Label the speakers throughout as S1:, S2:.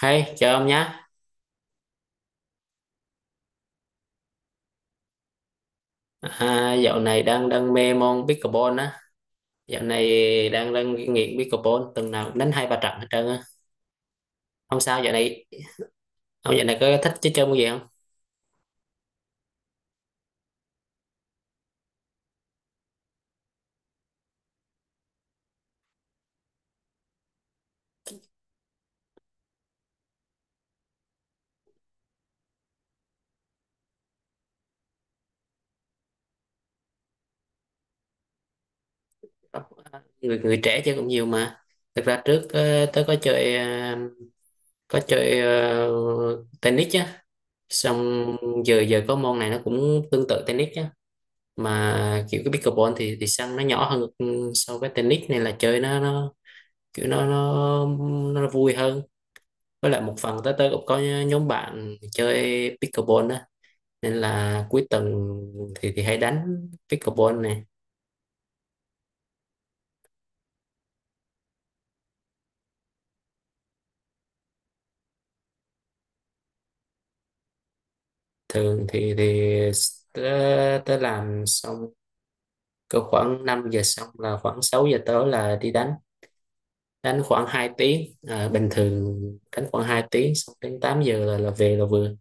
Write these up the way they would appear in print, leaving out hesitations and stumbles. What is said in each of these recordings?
S1: Hey, chào ông nhé. À, dạo này đang đang mê môn pickleball á. Dạo này đang đang nghiện pickleball, tuần nào cũng đánh 2-3 trận hết trơn á. Ông sao dạo này? Ông dạo này có thích chơi chơi môn gì không? Người người trẻ chơi cũng nhiều mà. Thực ra trước tớ có chơi tennis á. Xong giờ giờ có môn này nó cũng tương tự tennis á. Mà kiểu cái pickleball thì sân nó nhỏ hơn so với tennis nên là chơi nó kiểu nó vui hơn, với lại một phần tới tới cũng có nhóm bạn chơi pickleball á, nên là cuối tuần thì hay đánh pickleball này. Thường thì tới làm xong cỡ khoảng 5 giờ, xong là khoảng 6 giờ tới là đi đánh, đánh khoảng 2 tiếng à, bình thường đánh khoảng 2 tiếng xong đến 8 giờ là về là vừa.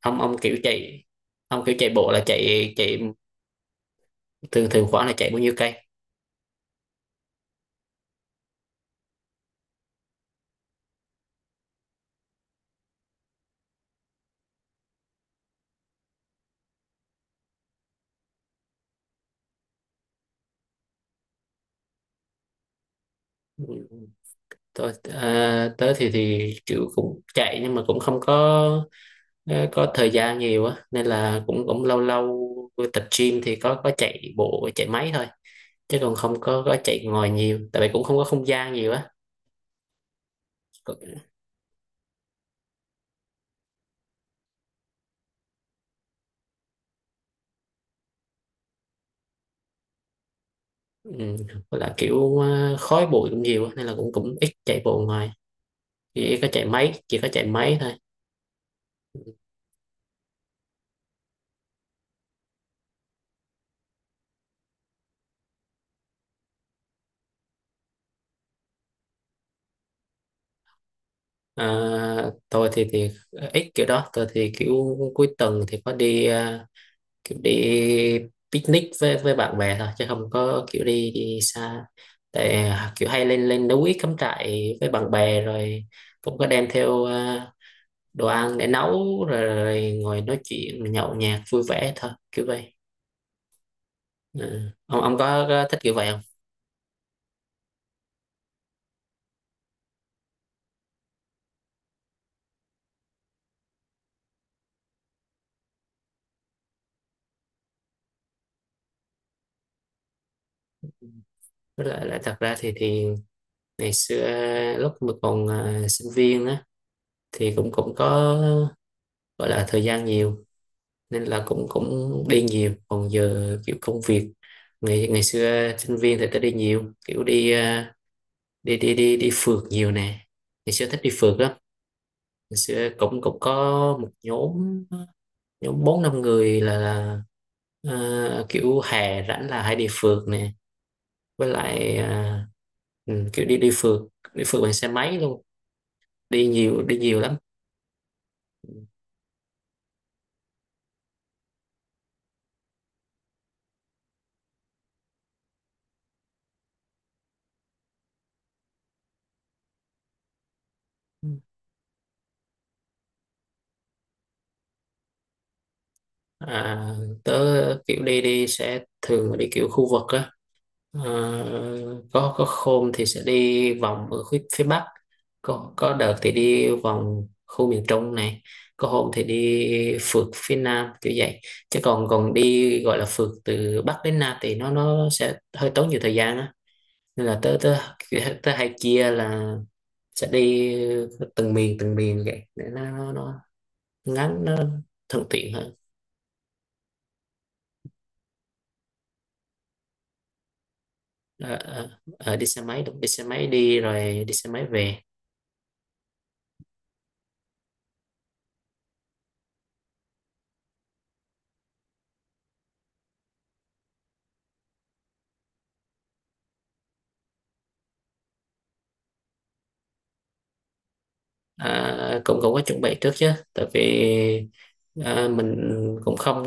S1: Ông kiểu chạy, ông kiểu chạy bộ là chạy chạy thường thường khoảng là chạy bao nhiêu cây? Ừ, tôi tới thì kiểu cũng chạy nhưng mà cũng không có, có thời gian nhiều á, nên là cũng cũng lâu lâu tập gym thì có chạy bộ chạy máy thôi, chứ còn không có chạy ngoài nhiều tại vì cũng không có không gian nhiều á. Có- ừ, với là kiểu khói bụi cũng nhiều á, nên là cũng cũng ít chạy bộ ngoài, chỉ có chạy máy thôi. Ờ, tôi thì ít kiểu đó, tôi thì kiểu cuối tuần thì kiểu đi picnic với bạn bè thôi, chứ không có kiểu đi đi xa. Tại kiểu hay lên lên núi cắm trại với bạn bè, rồi cũng có đem theo đồ ăn để nấu rồi ngồi nói chuyện nhậu nhẹt vui vẻ thôi kiểu vậy. Ừ, ông có thích kiểu vậy không? Với lại thật ra thì ngày xưa lúc mà còn sinh viên á, thì cũng cũng có gọi là thời gian nhiều, nên là cũng cũng đi nhiều, còn giờ kiểu công việc. Ngày ngày xưa sinh viên thì tôi đi nhiều kiểu đi đi đi đi phượt nhiều nè. Ngày xưa thích đi phượt lắm. Ngày xưa cũng cũng có một nhóm nhóm 4-5 người là kiểu hè rảnh là hay đi phượt nè. Với lại ừ, kiểu đi đi phượt, đi phượt bằng xe máy luôn. Đi đi nhiều lắm. À, tớ kiểu đi đi sẽ thường đi kiểu khu vực á. Ờ, có hôm thì sẽ đi vòng ở phía Bắc, có đợt thì đi vòng khu miền Trung này, có hôm thì đi phượt phía Nam kiểu vậy. Chứ còn còn đi gọi là phượt từ Bắc đến Nam thì nó sẽ hơi tốn nhiều thời gian á. Nên là tớ tớ tớ hay chia là sẽ đi từng miền vậy, để nó ngắn, nó thuận tiện hơn. Ờ, ờ, ờ, đi xe máy đúng, đi xe máy đi rồi đi xe máy về. À, cũng cũng có chuẩn bị trước chứ, tại vì à, mình cũng không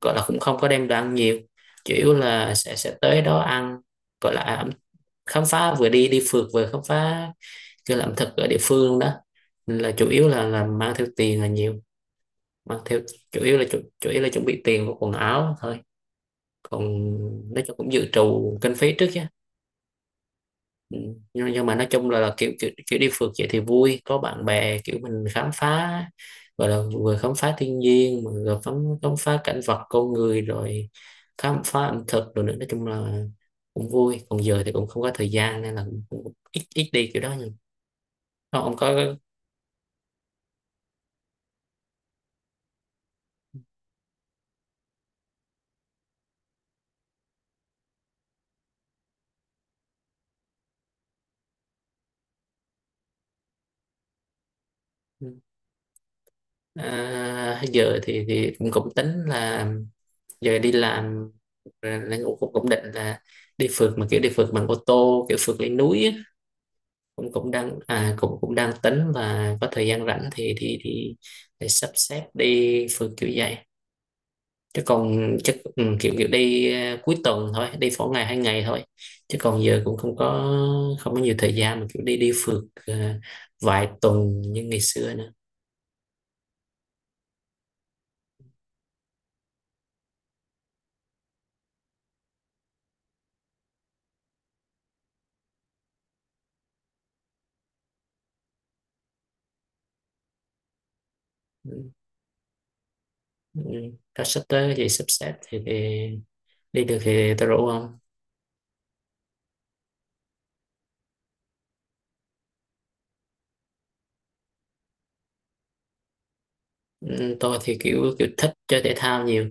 S1: gọi là cũng không có đem đồ ăn nhiều, chủ yếu là sẽ tới đó ăn, gọi là à, khám phá, vừa đi đi phượt vừa khám phá cái ẩm thực ở địa phương luôn đó. Nên là chủ yếu là mang theo tiền là nhiều, mang theo chủ yếu chủ yếu là chuẩn bị tiền và quần áo thôi. Còn nói chung cũng dự trù kinh phí trước chứ. Ừ. Nhưng nhưng mà nói chung là kiểu kiểu đi phượt vậy thì vui, có bạn bè, kiểu mình khám phá, gọi là vừa khám phá thiên nhiên mà vừa khám khám phá cảnh vật con người, rồi khám phá ẩm thực rồi nữa, nói chung là cũng vui. Còn giờ thì cũng không có thời gian, nên là cũng ít ít đi kiểu đó. Nhưng không, không có. À, giờ thì cũng cũng tính là giờ đi làm là cũng, cũng cũng định là đi phượt, mà kiểu đi phượt bằng ô tô, kiểu phượt lên núi á. Cũng cũng đang cũng cũng đang tính là có thời gian rảnh thì thì để sắp xếp đi phượt kiểu vậy. Chứ còn chắc ừ, kiểu kiểu cuối tuần thôi, đi phỏ ngày hai ngày thôi, chứ còn giờ cũng không có, không có nhiều thời gian mà kiểu đi đi phượt vài tuần như ngày xưa nữa. Ừ. Ừ. Tao sắp tới thì sắp xếp thì đi được thì tao rủ không? Ừ, tôi thì kiểu kiểu thích chơi thể thao nhiều.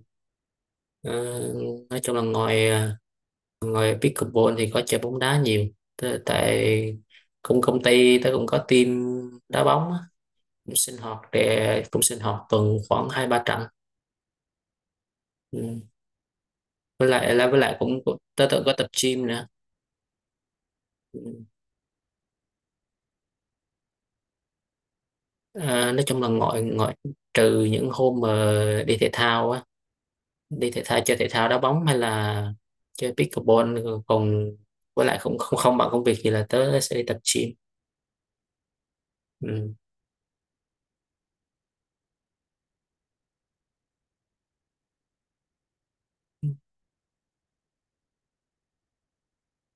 S1: Ờ, nói chung là ngoài ngoài pickleball thì có chơi bóng đá nhiều. Tại cũng công ty tớ cũng có team đá bóng á, cũng sinh hoạt để cũng sinh hoạt tuần khoảng 2-3 trận. Ừ. Với lại cũng cũng- tớ tự có tập gym nữa. Ừ. À, nói chung là ngoại ngoại trừ những hôm mà đi thể thao á, đi thể thao chơi thể thao đá bóng hay là chơi pickleball, còn với lại không không không bằng công việc thì là tớ sẽ đi tập gym. Ừ.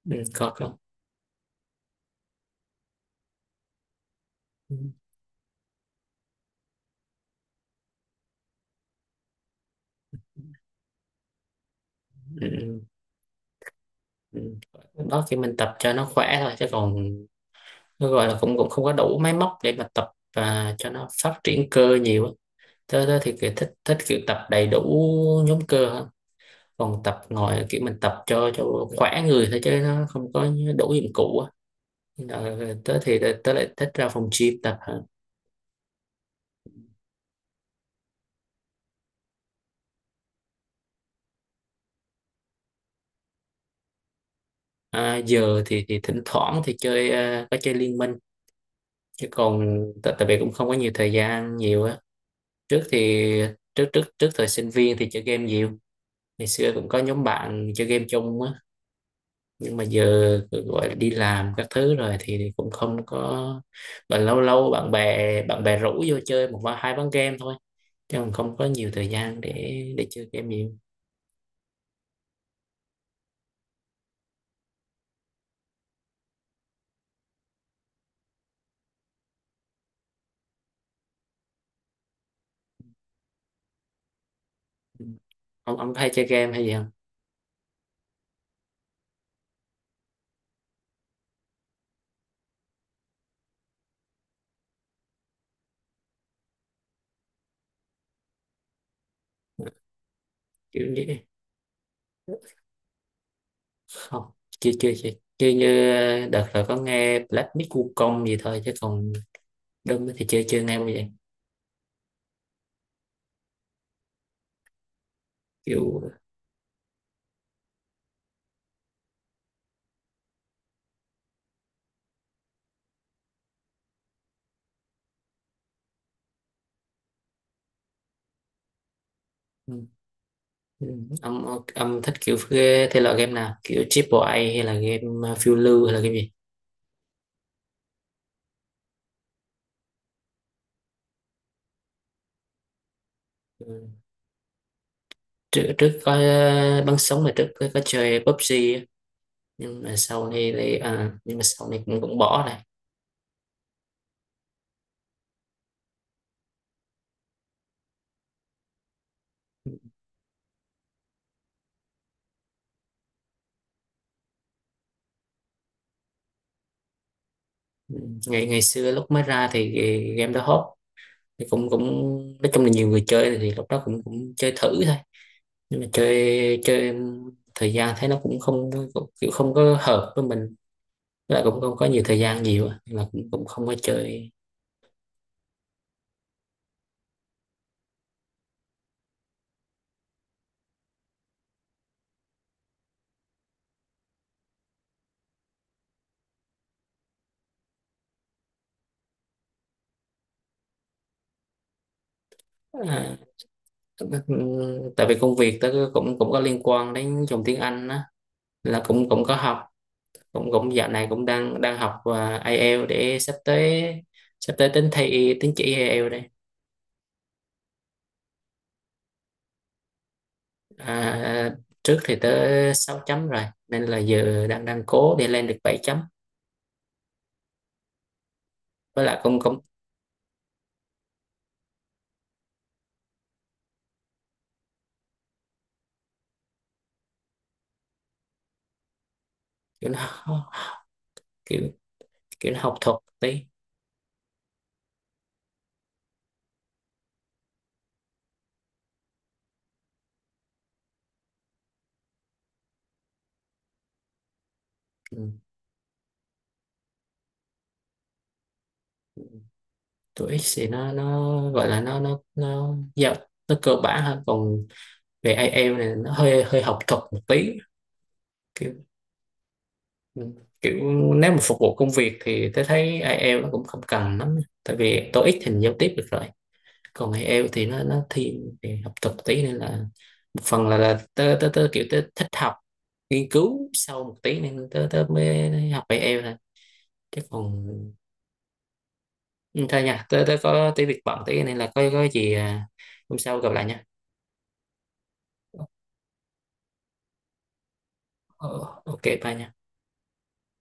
S1: Ừ. Có không. Ừ. Ừ. Ừ. Đó thì mình tập cho nó khỏe thôi, chứ còn nó gọi là cũng cũng không có đủ máy móc để mà tập và cho nó phát triển cơ nhiều á. Tớ tớ thì kiểu thích thích kiểu tập đầy đủ nhóm cơ hơn, còn tập ngồi kiểu mình tập cho khỏe người thôi, chứ nó không có đủ dụng cụ á. Nên là tớ thì tớ lại thích ra phòng gym tập hơn. À, giờ thì thỉnh thoảng thì có chơi liên minh, chứ còn tại tại vì cũng không có nhiều thời gian nhiều á. Trước thì trước trước trước thời sinh viên thì chơi game nhiều, ngày xưa cũng có nhóm bạn chơi game chung á, nhưng mà giờ gọi là đi làm các thứ rồi thì cũng không có, và lâu lâu bạn bè rủ vô chơi một ván hai ván game thôi, chứ còn không có nhiều thời gian để chơi game nhiều. Ừ. Ông có hay chơi game hay gì không? Kiểu như, không, chưa chưa chưa chơi, như đợt rồi có nghe Black Myth Wukong gì thôi, chứ còn Doom thì chưa chưa nghe bao giờ. Kiểu ừ. Ừ, ông thích kiểu ghê thể loại game nào, kiểu triple A hay là game phiêu lưu hay là game gì? Ừ. trước, trước có bắn súng là có chơi PUBG á. Nhưng mà sau này thì à, nhưng mà sau này cũng cũng bỏ này. Ừ, ngày ngày xưa lúc mới ra thì cái game đó hot, thì cũng cũng nói chung là nhiều người chơi, thì lúc đó cũng cũng chơi thử thôi, nhưng mà chơi chơi thời gian thấy nó cũng không cũng, kiểu không có hợp với mình. Với lại cũng không có nhiều thời gian nhiều á. Nên là cũng cũng không có chơi. Ờ, tại vì công việc tớ cũng cũng có liên quan đến dùng tiếng Anh á, là cũng cũng có học, cũng cũng dạo này cũng đang đang học và IELTS, để sắp tới tính thi tín chỉ IELTS đây. À, trước thì tới 6 chấm rồi nên là giờ đang đang cố để lên được 7 chấm, với lại cũng cũng kiểu kiểu kiểu nó học thuật tí. Ừ, tụi X thì nó gọi là nó dạ, nó cơ bản hơn, còn về ai IELTS này nó hơi hơi học thuật một tí. Kiểu Kiểu nếu mà phục vụ công việc thì tôi thấy ai IELTS nó cũng không cần lắm, tại vì TOEIC thì mình giao tiếp được rồi, còn ai IELTS thì nó thiên về học thuật một tí, nên là một phần là tớ tớ, tớ kiểu tớ thích học nghiên cứu sâu một tí, nên tớ tớ mới học ai IELTS thôi. Chứ còn ừ, thôi nha tớ tớ có tí việc bận tí, nên là có gì à, hôm sau gặp lại nha. Ờ, ok bà nhỉ.